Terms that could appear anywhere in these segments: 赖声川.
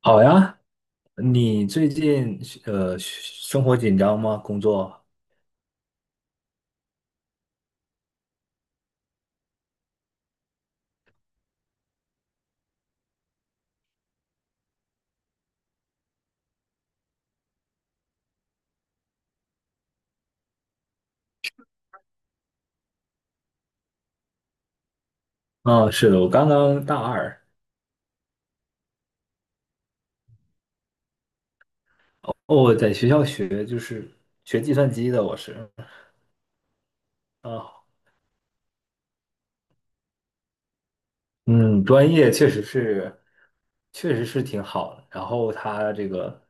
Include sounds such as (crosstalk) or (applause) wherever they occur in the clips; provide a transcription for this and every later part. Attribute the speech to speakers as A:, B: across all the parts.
A: 好呀，你最近生活紧张吗？工作？啊，是的，我刚刚大二。哦，我在学校学就是学计算机的，我是啊。嗯，专业确实是挺好的，然后他这个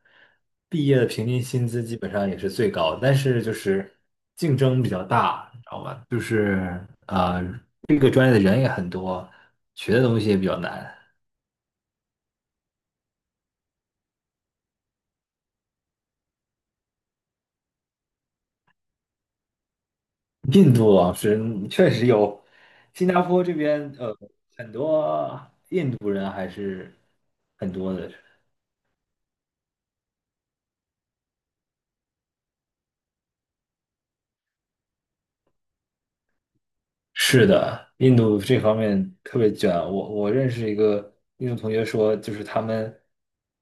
A: 毕业的平均薪资基本上也是最高的，但是就是竞争比较大，你知道吧？就是啊，这个专业的人也很多，学的东西也比较难。印度老师嗯确实有，新加坡这边很多印度人还是很多的。是的，印度这方面特别卷。我认识一个印度同学说，就是他们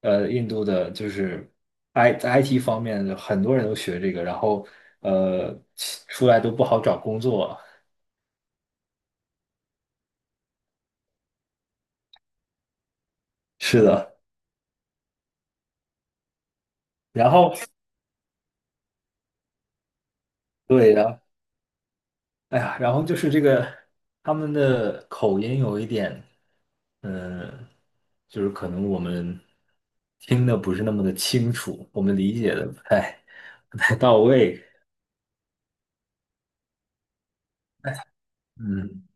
A: 印度的就是 IT 方面的很多人都学这个，然后呃出来都不好找工作。是的，然后对，然后哎呀，然后就是这个他们的口音有一点，嗯，就是可能我们听的不是那么的清楚，我们理解的不太到位，嗯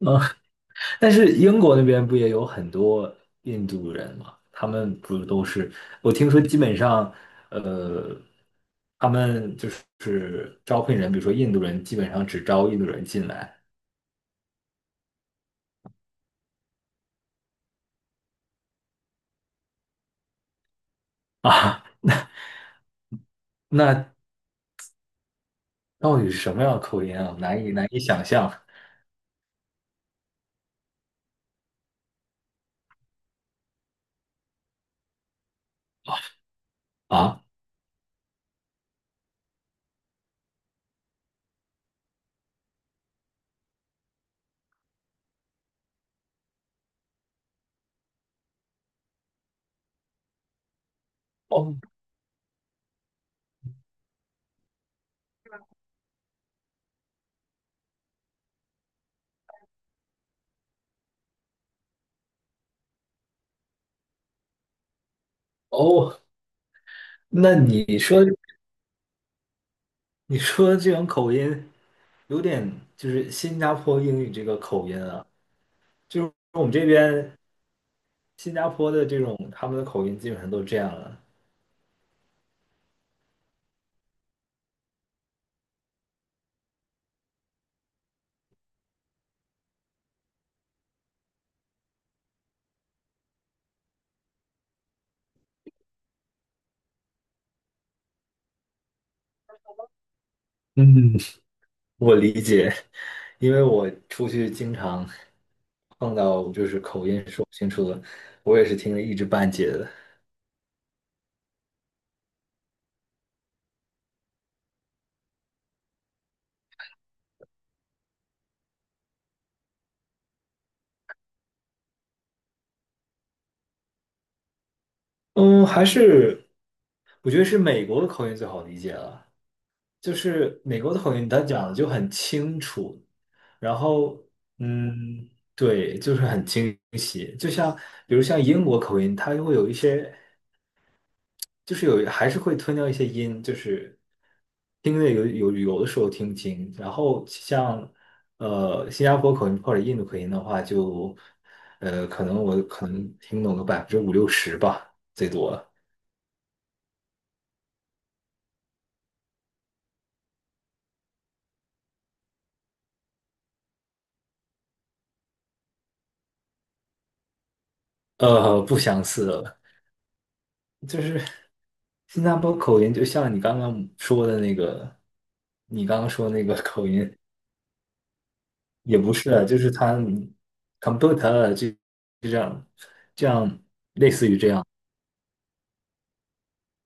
A: 啊。但是英国那边不也有很多印度人嘛？他们不都是，我听说基本上，呃，他们就是招聘人，比如说印度人，基本上只招印度人进来。 (laughs) 啊。那到底是什么样的口音啊？难以想象啊！哦哦，那你说的这种口音，有点就是新加坡英语这个口音啊，就是我们这边新加坡的这种他们的口音基本上都这样了。嗯，(laughs) 我理解，因为我出去经常碰到就是口音说不清楚的，我也是听得一知半解的。嗯，还是我觉得是美国的口音最好理解了，就是美国的口音，他讲的就很清楚，然后嗯，对，就是很清晰。就像比如像英国口音，它会有一些，就是有还是会吞掉一些音，就是听的有的时候听不清。然后像新加坡口音或者印度口音的话就，可能我可能听懂个百分之50到60%吧，最多。呃，不相似，就是新加坡口音，就像你刚刚说的那个，你刚刚说的那个口音，也不是啊，就是他 computer 啊就这样这样，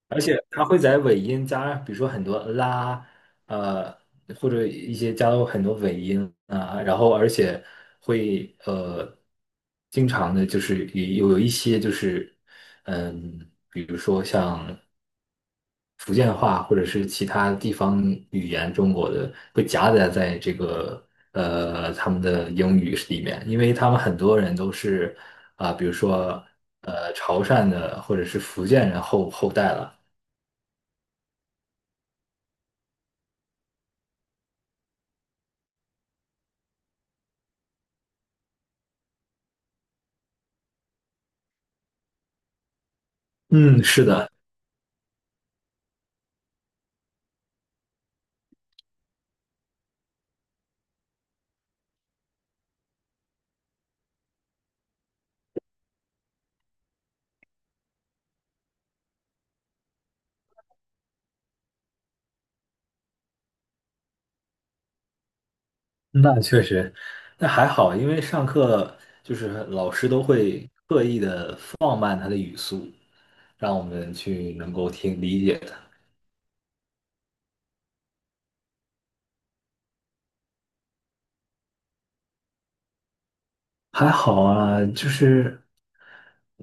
A: 而且他会在尾音加，比如说很多啦，呃，或者一些加入很多尾音啊，然后而且会经常的就是有一些就是，嗯，比如说像。福建话或者是其他地方语言中国的会夹杂在这个他们的英语里面，因为他们很多人都是啊、比如说潮汕的或者是福建人后代了。嗯，是的，那确实，那还好，因为上课就是老师都会刻意的放慢他的语速，让我们去能够听理解的。还好啊，就是。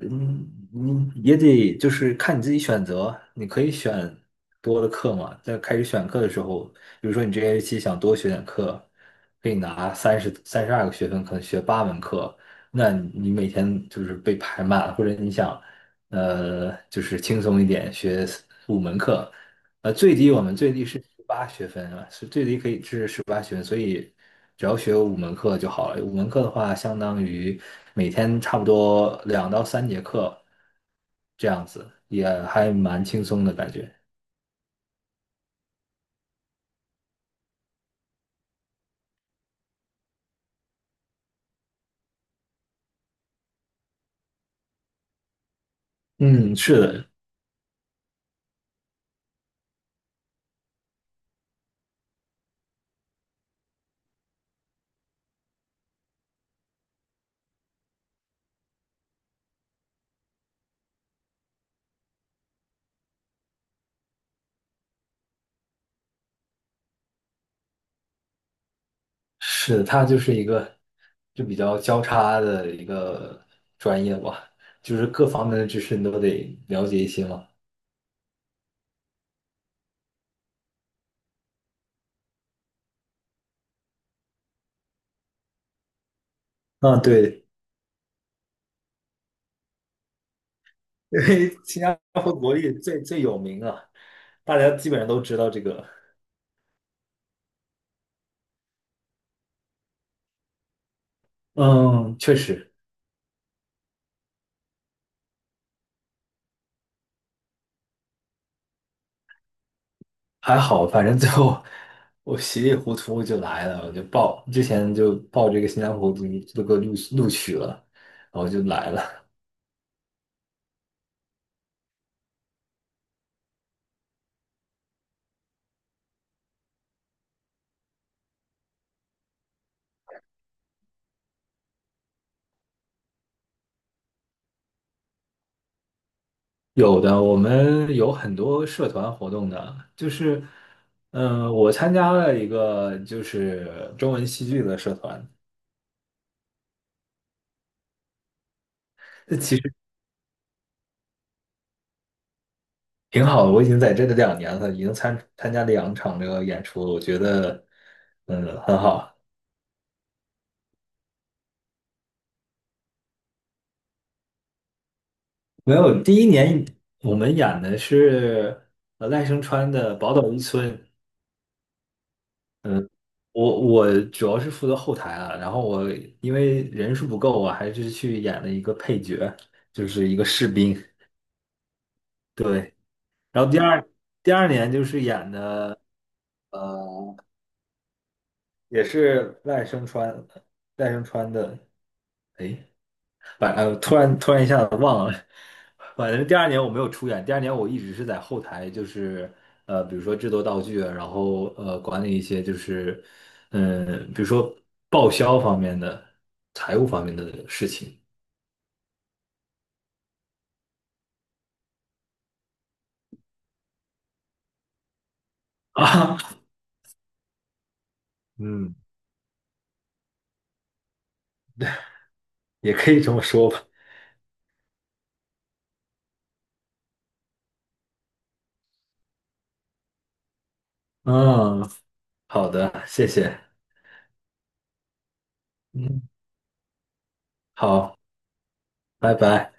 A: 嗯，你也得就是看你自己选择，你可以选多的课嘛。在开始选课的时候，比如说你这学期想多学点课，可以拿三十二个学分，可能学八门课，那你每天就是被排满，或者你想，呃，就是轻松一点学最低我们是十八学分啊，是最低可以是十八学分，所以只要学五门课就好了。五门课的话，相当于每天差不多两到三节课这样子，也还蛮轻松的感觉。嗯，是的，是的，它就是一个就比较交叉的一个专业吧，就是各方面的知识你都得了解一些嘛。嗯，对，因为新加坡国力最有名啊，大家基本上都知道这个。嗯，确实还好，反正最后我稀里糊涂就来了，我就报之前就报这个新疆坡读这个录取了，然后就来了。有的，我们有很多社团活动的，就是，嗯、我参加了一个就是中文戏剧的社团，这其实挺好的。我已经在这里两年了，已经参加了两场这个演出了我觉得，嗯，很好。没有，第一年我们演的是赖声川的《宝岛一村》，嗯，我主要是负责后台啊，然后我因为人数不够，我还是去演了一个配角，就是一个士兵，对。然后第二年就是演的呃，也是赖声川，赖声川的，哎，反正突然一下子忘了，反正第二年我没有出演，第二年我一直是在后台，就是比如说制作道具啊，然后管理一些就是嗯、比如说报销方面的、财务方面的事情啊。(laughs) 嗯，也可以这么说吧。嗯，好的，谢谢。嗯，好，拜拜。